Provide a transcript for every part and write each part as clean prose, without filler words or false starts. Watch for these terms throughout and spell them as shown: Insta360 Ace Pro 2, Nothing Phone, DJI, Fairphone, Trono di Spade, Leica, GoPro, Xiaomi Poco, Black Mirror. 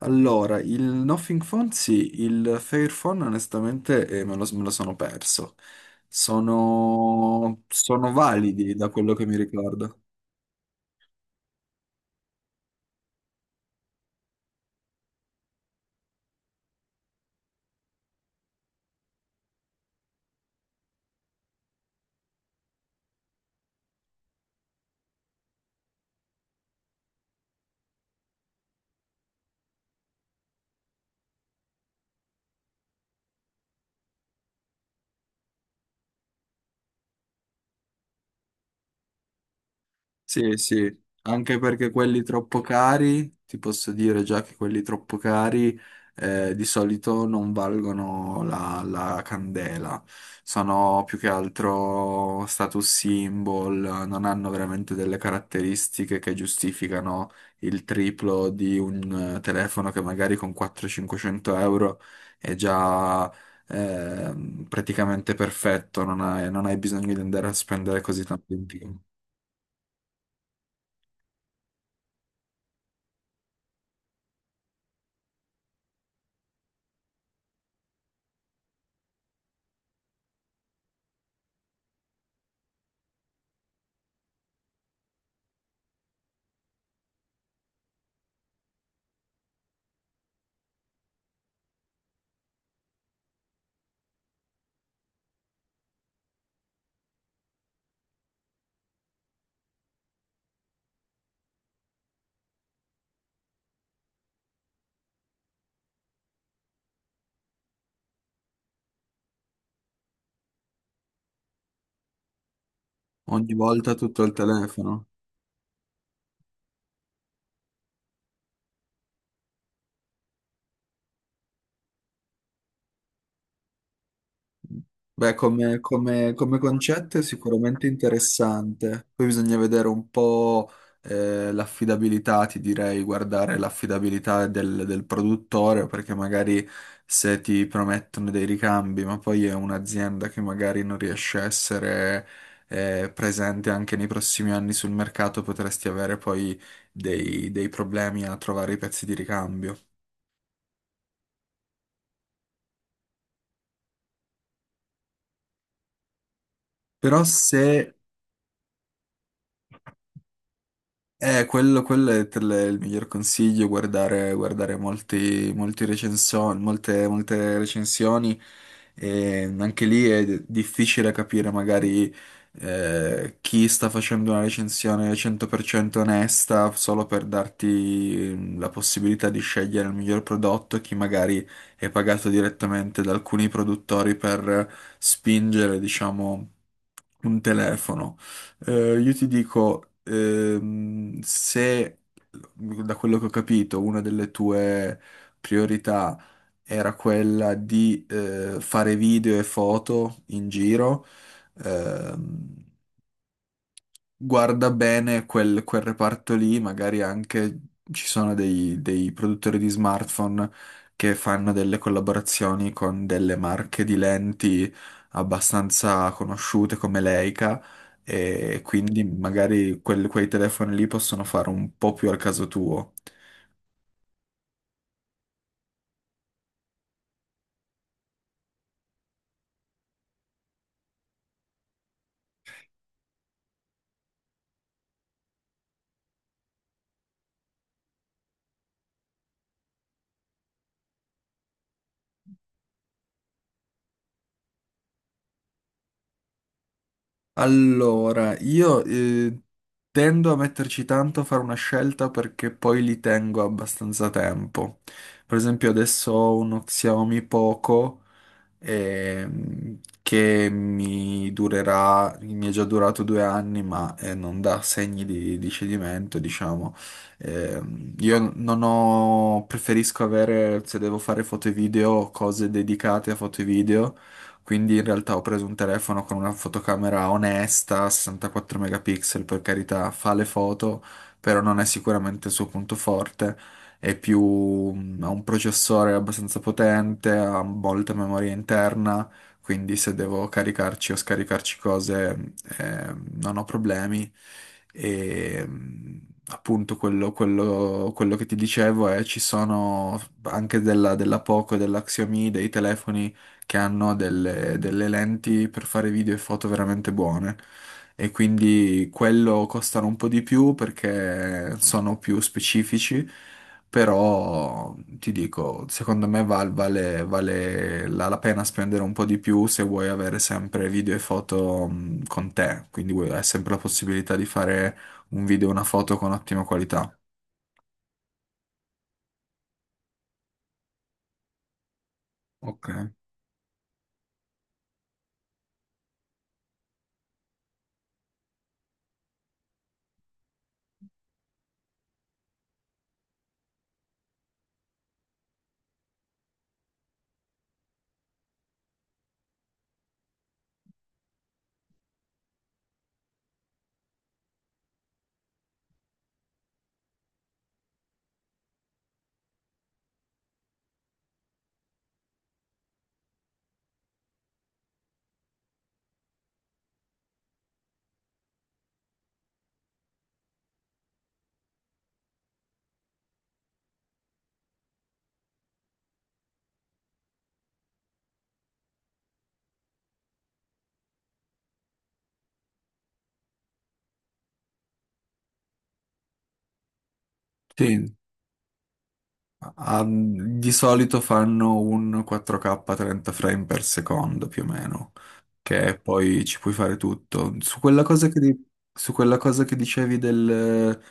Allora, il Nothing Phone sì, il Fairphone onestamente me lo sono perso. Sono validi da quello che mi ricordo. Sì, sì, anche perché quelli troppo cari, ti posso dire già che quelli troppo cari di solito non valgono la candela, sono più che altro status symbol, non hanno veramente delle caratteristiche che giustificano il triplo di un telefono che magari con 400-500 euro è già praticamente perfetto, non hai bisogno di andare a spendere così tanto in più. Ogni volta tutto al telefono. Beh, come concetto è sicuramente interessante. Poi bisogna vedere un po' l'affidabilità, ti direi, guardare l'affidabilità del produttore, perché magari se ti promettono dei ricambi, ma poi è un'azienda che magari non riesce a essere presente anche nei prossimi anni sul mercato, potresti avere poi dei problemi a trovare i pezzi di ricambio. Però se quello, quello è per il miglior consiglio, guardare, molte recensioni, e anche lì è difficile capire magari chi sta facendo una recensione 100% onesta solo per darti la possibilità di scegliere il miglior prodotto, e chi magari è pagato direttamente da alcuni produttori per spingere, diciamo, un telefono. Io ti dico, se da quello che ho capito, una delle tue priorità era quella di fare video e foto in giro, ehm, guarda bene quel reparto lì, magari anche ci sono dei produttori di smartphone che fanno delle collaborazioni con delle marche di lenti abbastanza conosciute come Leica, e quindi magari quei telefoni lì possono fare un po' più al caso tuo. Allora, io tendo a metterci tanto a fare una scelta perché poi li tengo abbastanza tempo. Per esempio, adesso ho uno Xiaomi Poco che mi è già durato 2 anni, ma non dà segni di cedimento, diciamo. Io non ho, preferisco avere, se devo fare foto e video, cose dedicate a foto e video. Quindi in realtà ho preso un telefono con una fotocamera onesta, 64 megapixel, per carità, fa le foto, però non è sicuramente il suo punto forte. È più, ha un processore abbastanza potente, ha molta memoria interna, quindi se devo caricarci o scaricarci cose, non ho problemi. E appunto quello che ti dicevo è, ci sono anche della Poco e della Xiaomi dei telefoni che hanno delle lenti per fare video e foto veramente buone. E quindi quello costano un po' di più perché sono più specifici, però ti dico, secondo me vale la pena spendere un po' di più se vuoi avere sempre video e foto con te, quindi hai sempre la possibilità di fare un video e una foto con ottima qualità. Ok. Sì, ah, di solito fanno un 4K 30 frame per secondo più o meno, che poi ci puoi fare tutto. Su quella cosa che dicevi del...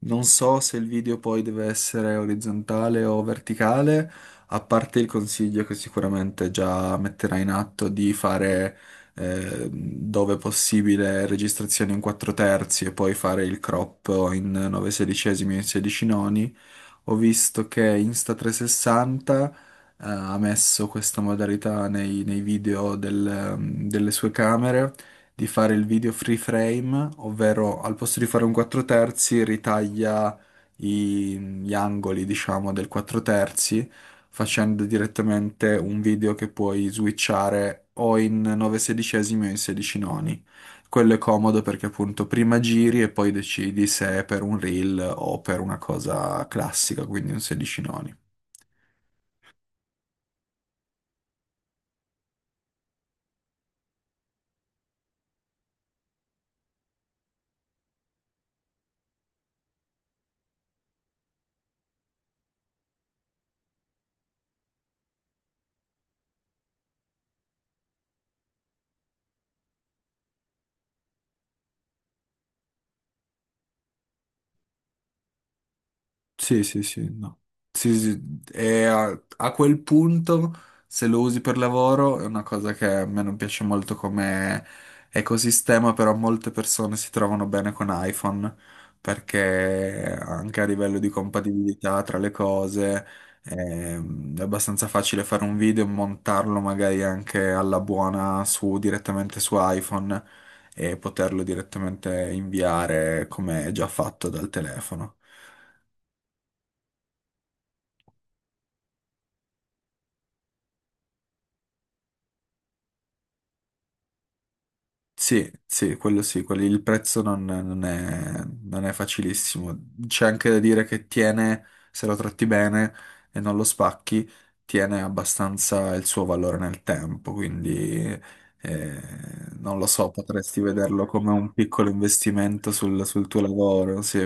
Non so se il video poi deve essere orizzontale o verticale, a parte il consiglio che sicuramente già metterai in atto di fare, dove possibile, registrazioni in 4 terzi e poi fare il crop in 9 sedicesimi e 16 noni. Ho visto che Insta360 ha messo questa modalità nei video delle sue camere, di fare il video free frame, ovvero al posto di fare un 4 terzi ritaglia gli angoli, diciamo, del 4 terzi, facendo direttamente un video che puoi switchare o in 9 sedicesimi o in 16 noni. Quello è comodo perché appunto prima giri e poi decidi se è per un reel o per una cosa classica, quindi un 16 noni. Sì, sì, sì, no. Sì, sì, e a quel punto, se lo usi per lavoro, è una cosa che a me non piace molto come ecosistema, però molte persone si trovano bene con iPhone, perché anche a livello di compatibilità tra le cose, è abbastanza facile fare un video e montarlo magari anche alla buona su, direttamente su iPhone, e poterlo direttamente inviare come è già fatto dal telefono. Sì, sì, quello sì, il prezzo non è facilissimo. C'è anche da dire che tiene, se lo tratti bene e non lo spacchi, tiene abbastanza il suo valore nel tempo, quindi eh, non lo so, potresti vederlo come un piccolo investimento sul tuo lavoro, sì.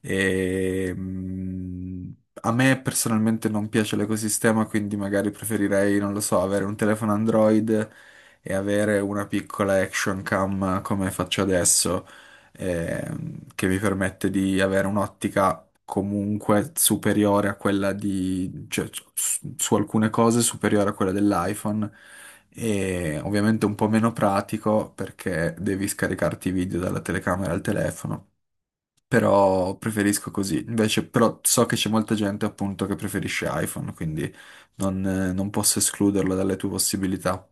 E, a me personalmente non piace l'ecosistema, quindi magari preferirei, non lo so, avere un telefono Android e avere una piccola action cam come faccio adesso, che mi permette di avere un'ottica comunque superiore a quella di, cioè, su alcune cose superiore a quella dell'iPhone, e ovviamente un po' meno pratico perché devi scaricarti i video dalla telecamera al telefono. Però preferisco così. Invece, però so che c'è molta gente appunto che preferisce iPhone, quindi non non posso escluderlo dalle tue possibilità.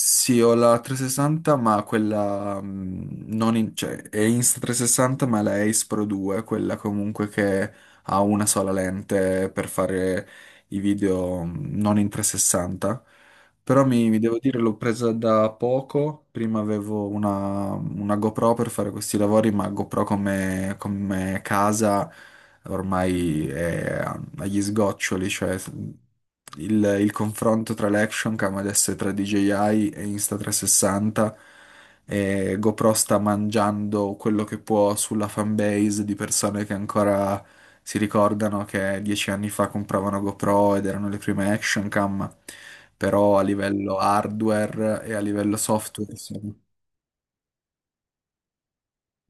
Sì, ho la 360, ma quella non cioè, è Insta360, ma è la Ace Pro 2, quella comunque che ha una sola lente per fare i video non in 360. Però mi devo dire, l'ho presa da poco. Prima avevo una GoPro per fare questi lavori, ma GoPro come casa ormai è agli sgoccioli, cioè il confronto tra l'action cam adesso è tra DJI e Insta360, e GoPro sta mangiando quello che può sulla fanbase di persone che ancora si ricordano che 10 anni fa compravano GoPro ed erano le prime action cam, però a livello hardware e a livello software sono...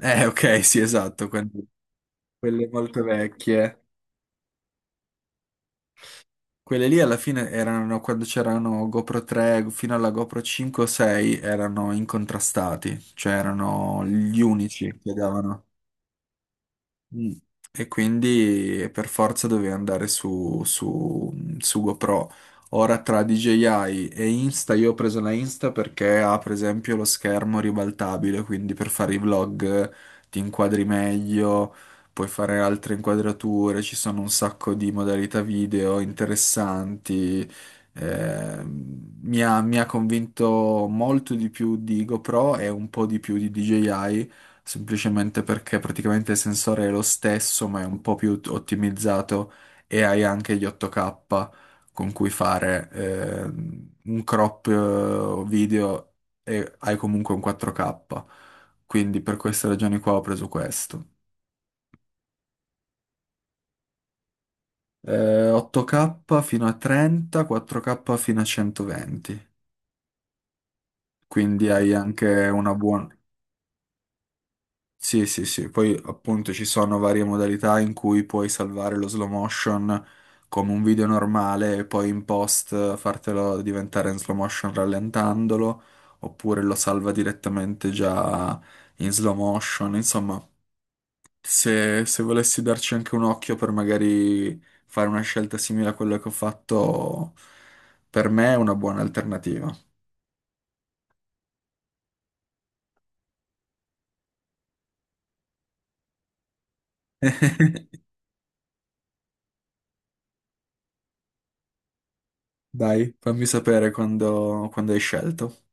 Ok, sì, esatto, quelle, quelle molto vecchie. Quelle lì alla fine erano, quando c'erano GoPro 3 fino alla GoPro 5 o 6, erano incontrastati, cioè erano gli unici che davano. Mm. E quindi per forza dovevi andare su GoPro. Ora tra DJI e Insta, io ho preso la Insta perché ha per esempio lo schermo ribaltabile, quindi per fare i vlog ti inquadri meglio, puoi fare altre inquadrature, ci sono un sacco di modalità video interessanti. Mi ha convinto molto di più di GoPro e un po' di più di DJI, semplicemente perché praticamente il sensore è lo stesso, ma è un po' più ottimizzato, e hai anche gli 8K con cui fare un crop video, e hai comunque un 4K. Quindi per queste ragioni qua ho preso questo. 8K fino a 30, 4K fino a 120. Quindi hai anche una buona... Sì, sì, sì, poi appunto ci sono varie modalità in cui puoi salvare lo slow motion come un video normale e poi in post fartelo diventare in slow motion rallentandolo, oppure lo salva direttamente già in slow motion. Insomma, se volessi darci anche un occhio per magari fare una scelta simile a quella che ho fatto, per me è una buona alternativa. Dai, fammi sapere quando hai scelto.